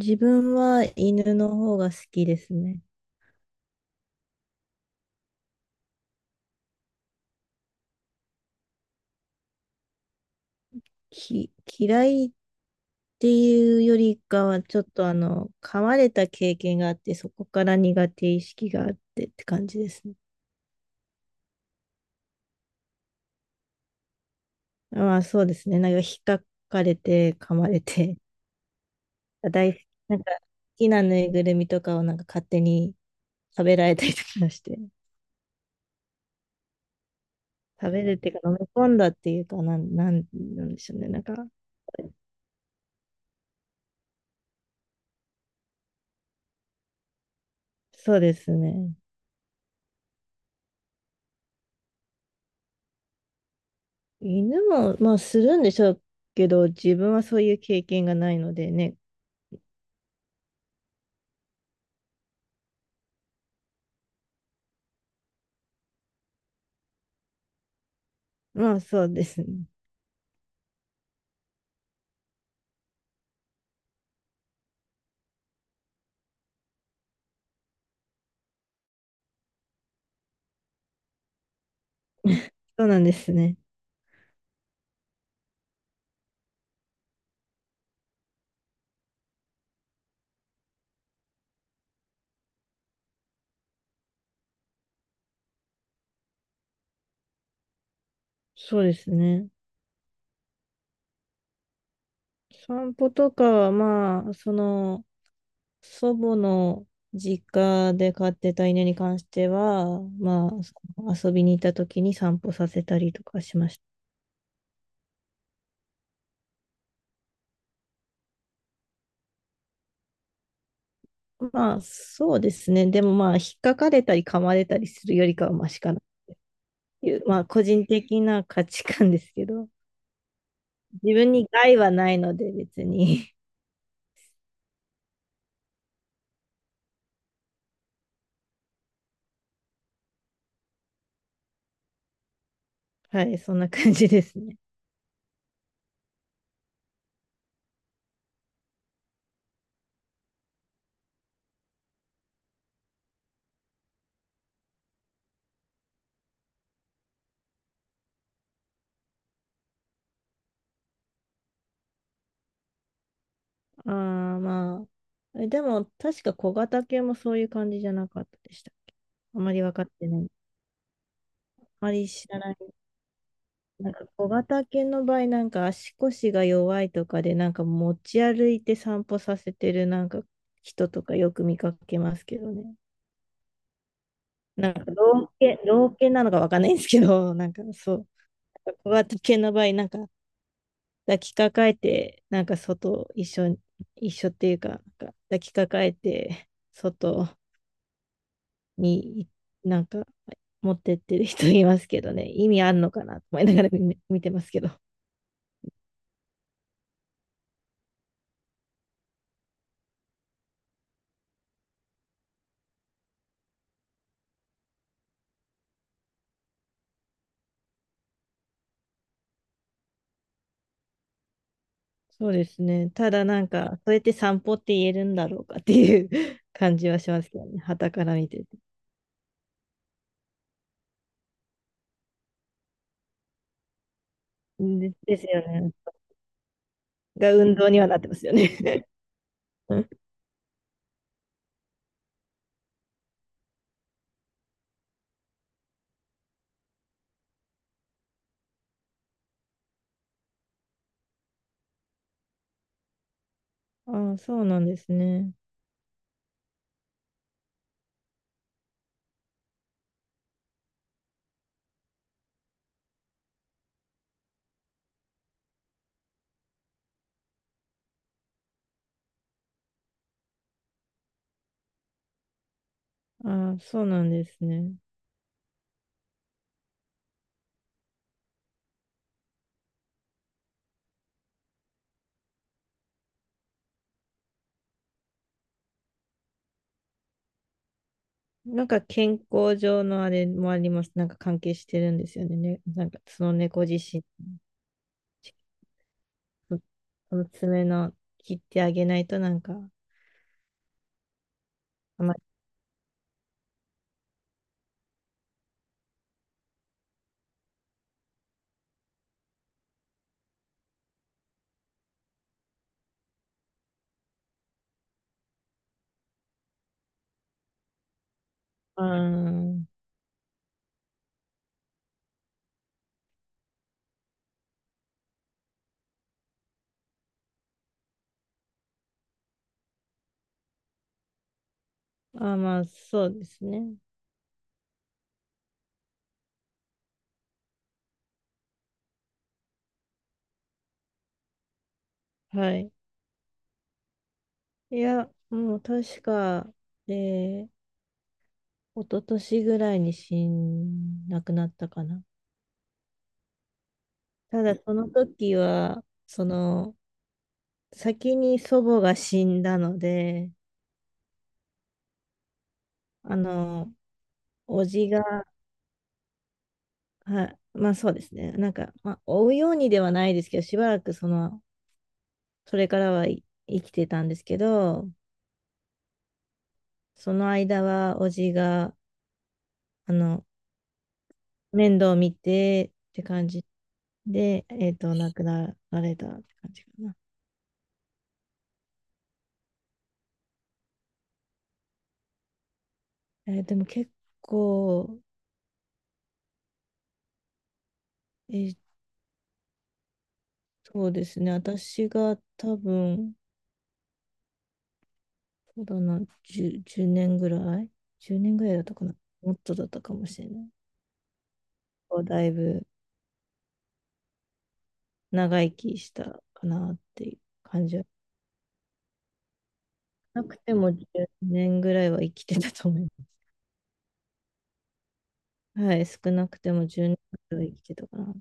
自分は犬の方が好きですね。き、嫌いっていうよりかは、ちょっと噛まれた経験があって、そこから苦手意識があってって感じですね。まあそうですね。なんか引っかかれて、噛まれて、大好き、なんか好きなぬいぐるみとかをなんか勝手に食べられたりとかして、食べるっていうか飲み込んだっていうかなんでしょうね。なんか、そうですね。犬も、まあ、するんでしょうけど、自分はそういう経験がないのでね。まあ、そうですね。そうなんですね。そうですね。散歩とかは、まあ、祖母の実家で飼ってた犬に関しては、まあ、その遊びに行った時に散歩させたりとかしました。まあ、そうですね。でもまあ、引っかかれたり噛まれたりするよりかはマシかなっていう、まあ、個人的な価値観ですけど、自分に害はないので、別に。はい、そんな感じですね。ああ、まあ。でも、確か小型犬もそういう感じじゃなかったでしたっけ？あまり分かってない。あまり知らない。なんか小型犬の場合、なんか足腰が弱いとかで、なんか持ち歩いて散歩させてるなんか人とかよく見かけますけどね。なんか老犬なのか分かんないんですけど、なんかそう。小型犬の場合、なんか抱きかかえて、なんか外、一緒に、一緒っていうか、なんか抱きかかえて、外になんか、持ってってる人いますけどね、意味あんのかなと思いながら見てますけど。そうですね。ただなんか、そうやって散歩って言えるんだろうかっていう 感じはしますけどね、傍から見てて。でですよね。が運動にはなってますよね。ああ、そうなんですね。ああ、そうなんですね。なんか健康上のあれもあります。なんか関係してるんですよね。なんかその猫自身、ちその爪の切ってあげないとなんか、あまり、あーまあそうですね。はい。いや、もう確か、えー、一昨年ぐらいに亡くなったかな。ただその時は、その、先に祖母が死んだので、あの、おじが。はい。まあそうですね。なんか、まあ、追うようにではないですけど、しばらくそれからはい生きてたんですけど、その間は、おじが、あの、面倒を見てって感じで、亡くなられたって感じかな。でも結構、えーそうですね。私が多分、そうだな、10、年ぐらい ?10 年ぐらいだったかな。もっとだったかもしれない。こうだいぶ長生きしたかなっていう感じは。なくても十年ぐらいは生きてたと思います。はい、少なくても10年ぐらいは生きてたかな。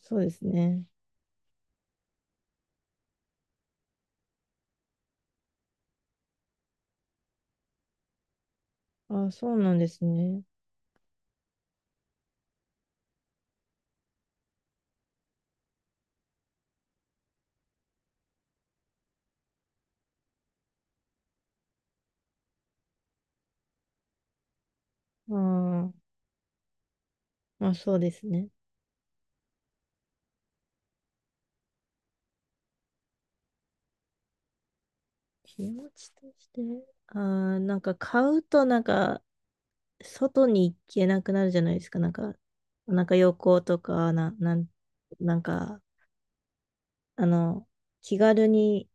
そうですね。ああ、そうなんですね。ああ、まあそうですね。気持ちとして。なんか買うとなんか、外に行けなくなるじゃないですか。なんか、なんか旅行とか、なんか、あの、気軽に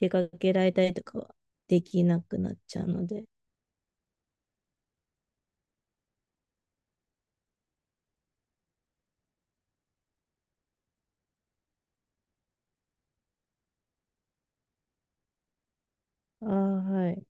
出かけられたりとかはできなくなっちゃうので、ああ、はい。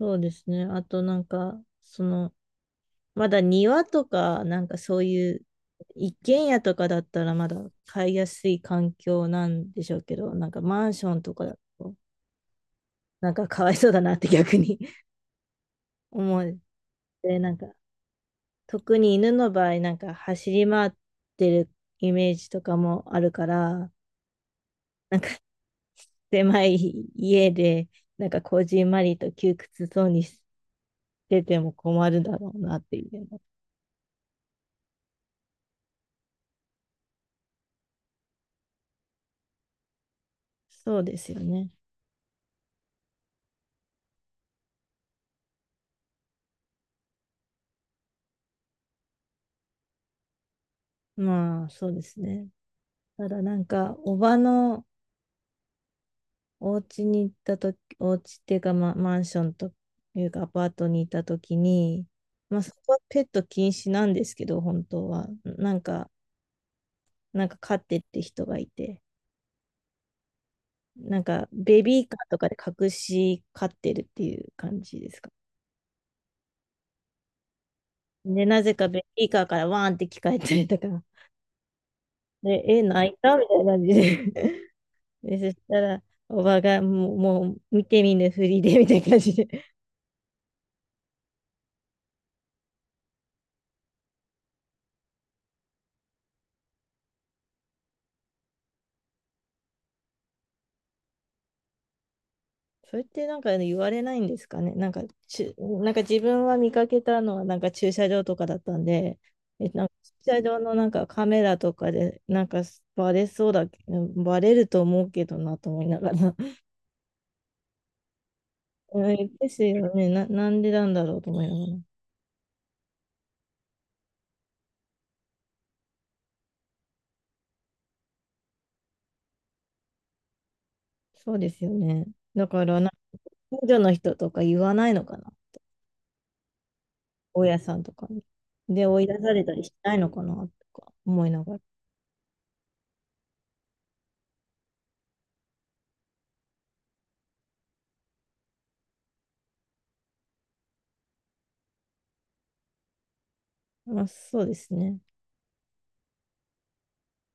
そうですね。あとなんか、まだ庭とか、なんかそういう一軒家とかだったらまだ買いやすい環境なんでしょうけど、なんかマンションとかだと、なんかかわいそうだなって逆に 思って、なんか特に犬の場合、なんか走り回ってるイメージとかもあるから、なんか狭い家で、なんかこじんまりと窮屈そうにしてても困るだろうなっていうの。そうですよね。まあ、そうですね。ただなんか、おばのお家に行ったとき、お家っていうか、まあ、マンションというか、アパートにいたときに、まあ、そこはペット禁止なんですけど、本当は。なんか飼ってって人がいて、なんか、ベビーカーとかで隠し飼ってるっていう感じですか。で、なぜかベビーカーからワーンって聞かれたりとか、で、泣いたみたいな感じで。で、そしたら、おばがもう見てみぬふりでみたいな感じで。それってなんか言われないんですかね。なんか、ちなんか自分は見かけたのはなんか駐車場とかだったんで、なんか駐車場のなんかカメラとかでなんかバレそうだ、バレると思うけどなと思いながら。うんですよね。なんでなんだろうと思いながら。そうですよね。だから、近所の人とか言わないのかな。大家さんとかに。で、追い出されたりしないのかなとか思いながら。まあ、そうですね。